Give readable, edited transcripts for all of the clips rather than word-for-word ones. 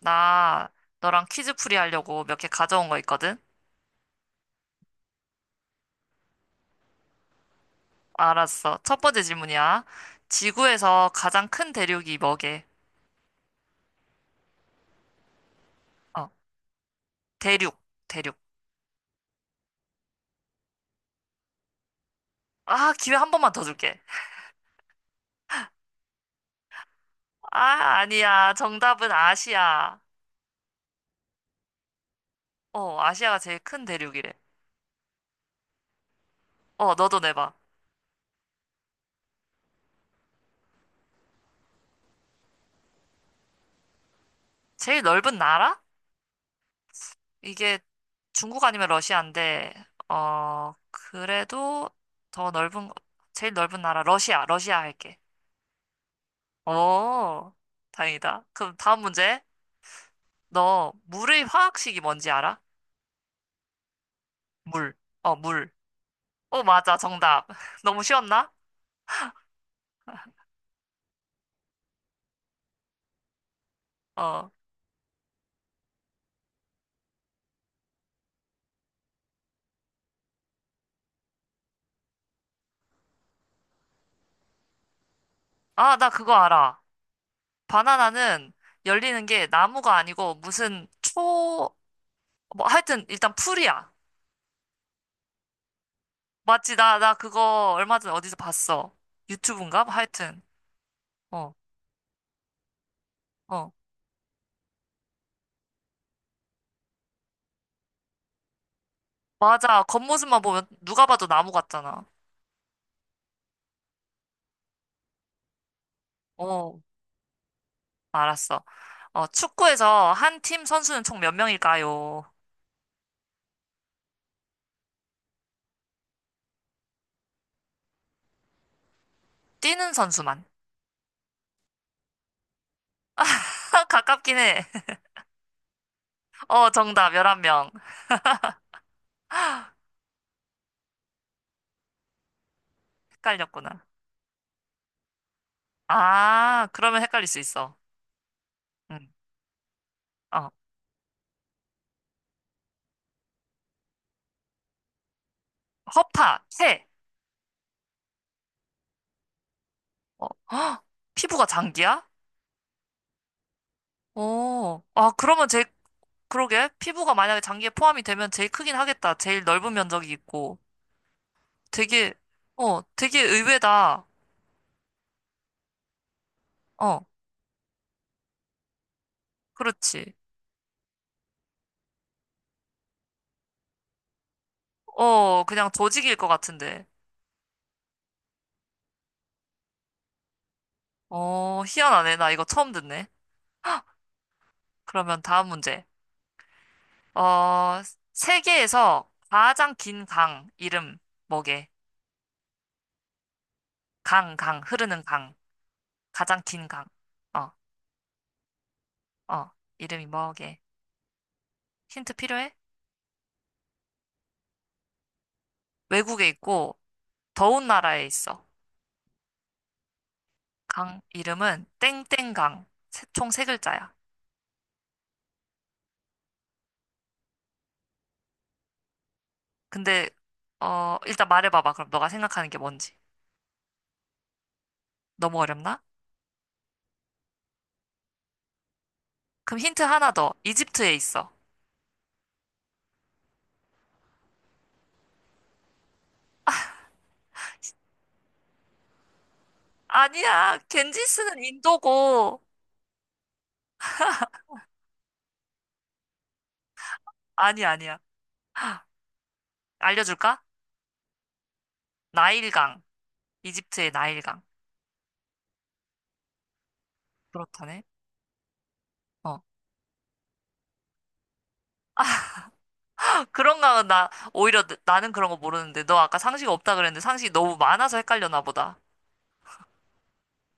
나 너랑 퀴즈풀이 하려고 몇 개 가져온 거 있거든? 알았어. 첫 번째 질문이야. 지구에서 가장 큰 대륙이 뭐게? 어, 대륙, 대륙. 아, 기회 한 번만 더 줄게. 아, 아니야. 정답은 아시아. 어, 아시아가 제일 큰 대륙이래. 어, 너도 내봐. 제일 넓은 나라? 이게 중국 아니면 러시아인데, 어, 그래도 더 넓은, 제일 넓은 나라, 러시아, 러시아 할게. 오, 다행이다. 그럼 다음 문제. 너 물의 화학식이 뭔지 알아? 물. 어, 물. 어, 맞아. 정답. 너무 쉬웠나? 어. 아, 나 그거 알아. 바나나는 열리는 게 나무가 아니고 무슨 초, 뭐 하여튼 일단 풀이야. 맞지? 나 그거 얼마 전에 어디서 봤어. 유튜브인가? 뭐 하여튼. 어, 어. 맞아. 겉모습만 보면 누가 봐도 나무 같잖아. 어, 알았어. 어, 축구에서 한 팀 선수는 총 몇 명일까요? 뛰는 선수만. 가깝긴 해. 어, 정답, 11명. 헷갈렸구나. 아, 그러면 헷갈릴 수 있어. 응. 어, 허파, 새 어, 헉, 피부가 장기야? 오 아, 그러면 제일, 그러게. 피부가 만약에 장기에 포함이 되면 제일 크긴 하겠다. 제일 넓은 면적이 있고. 되게, 되게 의외다. 어, 그렇지. 어, 그냥 조직일 것 같은데. 어, 희한하네. 나 이거 처음 듣네. 그러면 다음 문제. 어, 세계에서 가장 긴 강 이름 뭐게? 강, 강, 흐르는 강. 가장 긴 강. 어, 어. 이름이 뭐게? 힌트 필요해? 외국에 있고, 더운 나라에 있어. 강 이름은 땡땡강. 총 세 글자야. 근데, 일단 말해봐봐. 그럼 너가 생각하는 게 뭔지. 너무 어렵나? 그럼 힌트 하나 더. 이집트에 있어. 아니야. 겐지스는 인도고. 아니야, 아니야. 알려줄까? 나일강. 이집트의 나일강. 그렇다네. 어. 그런가 나 오히려 나는 그런 거 모르는데 너 아까 상식 없다 그랬는데 상식이 너무 많아서 헷갈려나 보다.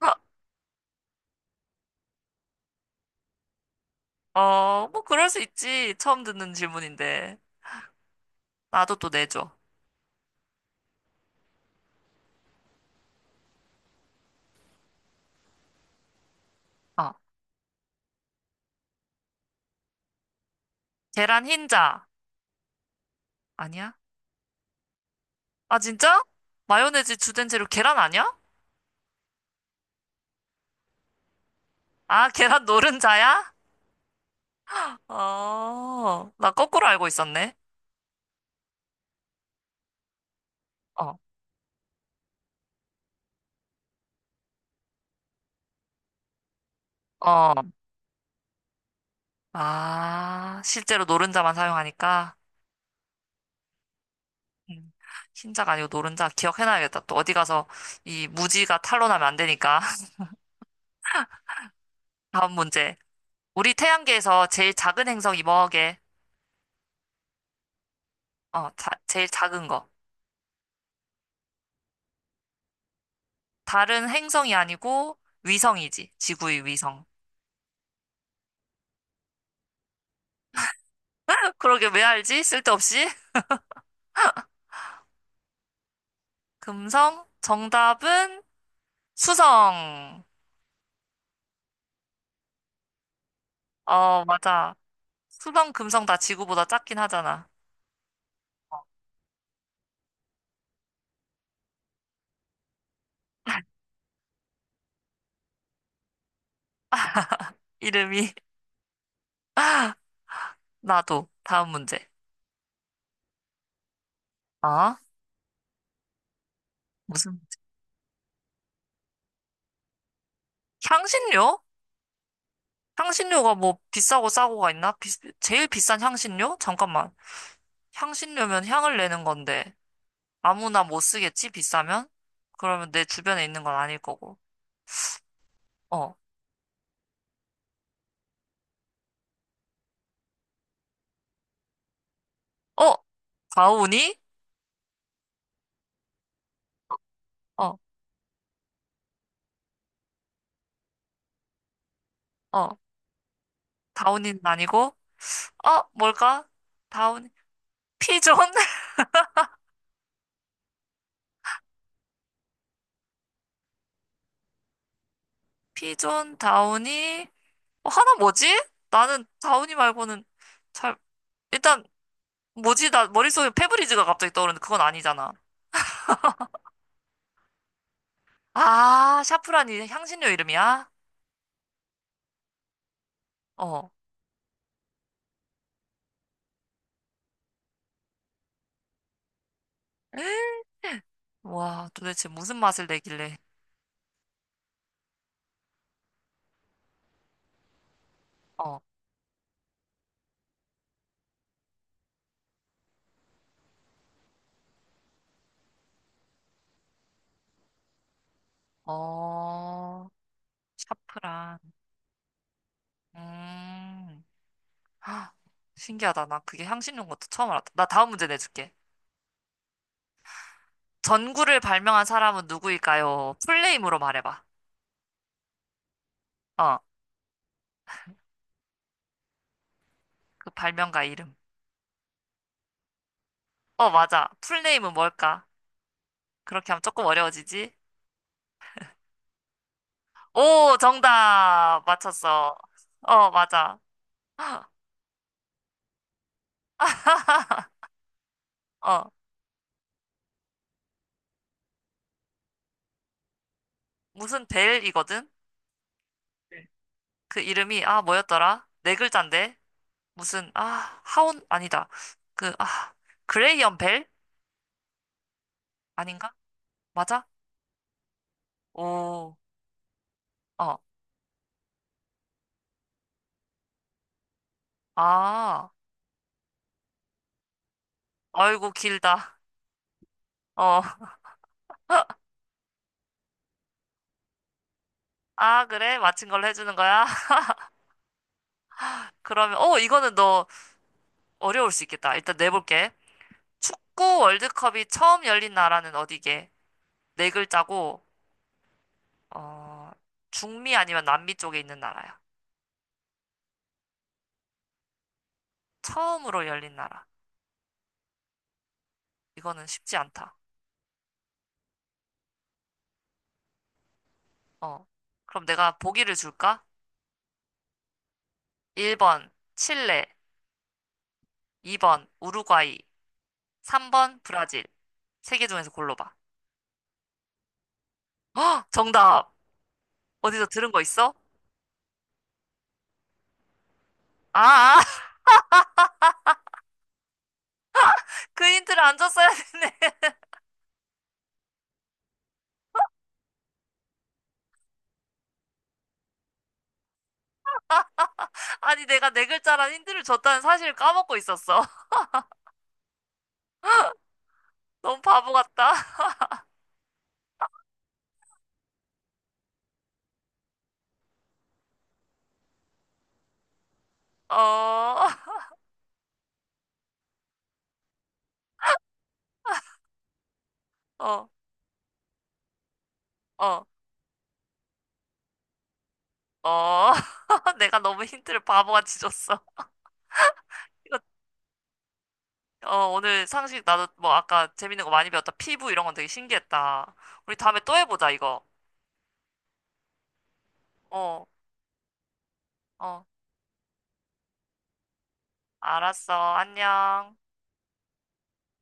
아, 뭐 그럴 수 있지. 처음 듣는 질문인데. 나도 또 내줘. 어. 계란 흰자. 아니야? 아, 진짜? 마요네즈 주된 재료 계란 아니야? 아, 계란 노른자야? 어, 나 거꾸로 알고 있었네. 어, 어. 아, 실제로 노른자만 사용하니까. 음, 흰자가 아니고 노른자 기억해놔야겠다. 또 어디 가서 이 무지가 탄로 나면 안 되니까. 다음 문제. 우리 태양계에서 제일 작은 행성이 뭐게? 어, 제일 작은 거. 다른 행성이 아니고 위성이지. 지구의 위성. 그러게 왜 알지? 쓸데없이. 금성? 정답은 수성. 어, 맞아. 수성, 금성 다 지구보다 작긴 하잖아. 이름이. 나도. 다음 문제. 아, 무슨 문제? 향신료? 향신료가 뭐 비싸고 싸고가 있나? 제일 비싼 향신료? 잠깐만. 향신료면 향을 내는 건데. 아무나 못 쓰겠지? 비싸면? 그러면 내 주변에 있는 건 아닐 거고. 어. 어? 다우니? 어, 어. 다우니는 아니고, 어, 뭘까? 다우니. 피존? 피존, 다우니. 어, 하나 뭐지? 나는 다우니 말고는 잘, 일단, 뭐지? 나 머릿속에 페브리즈가 갑자기 떠오르는데 그건 아니잖아. 아, 샤프란이 향신료 이름이야? 어. 와, 도대체 무슨 맛을 내길래. 어, 어, 샤프란. 음. 아, 신기하다. 나 그게 향신료인 것도 처음 알았다. 나 다음 문제 내줄게. 전구를 발명한 사람은 누구일까요? 풀네임으로 말해봐. 어, 그 발명가 이름. 어, 맞아. 풀네임은 뭘까? 그렇게 하면 조금 어려워지지? 오, 정답! 맞췄어. 어, 맞아. 어, 무슨 벨이거든? 네. 그 이름이, 아, 뭐였더라? 네 글자인데? 무슨, 아, 하온, 아니다. 그, 아, 그레이엄 벨? 아닌가? 맞아? 오. 어, 아, 아이고, 길다. 어, 아, 그래? 맞힌 걸로 해주는 거야? 그러면, 이거는 너 어려울 수 있겠다. 일단 내볼게. 축구 월드컵이 처음 열린 나라는 어디게? 네 글자고, 어, 중미 아니면 남미 쪽에 있는 나라야. 처음으로 열린 나라. 이거는 쉽지 않다. 어. 그럼 내가 보기를 줄까? 1번, 칠레. 2번, 우루과이. 3번, 브라질. 세 개 중에서 골라봐. 정답! 어디서 들은 거 있어? 아, 아, 그 힌트를 안 줬어야 했네. 아니, 내가 네 글자란 힌트를 줬다는 사실을 까먹고 있었어. 너무 바보 같다. 어, 어, 어, 어. 내가 너무 힌트를 바보같이 줬어. 이거, 오늘 상식 나도 뭐 아까 재밌는 거 많이 배웠다. 피부 이런 건 되게 신기했다. 우리 다음에 또 해보자, 이거. 어, 어. 알았어. 안녕.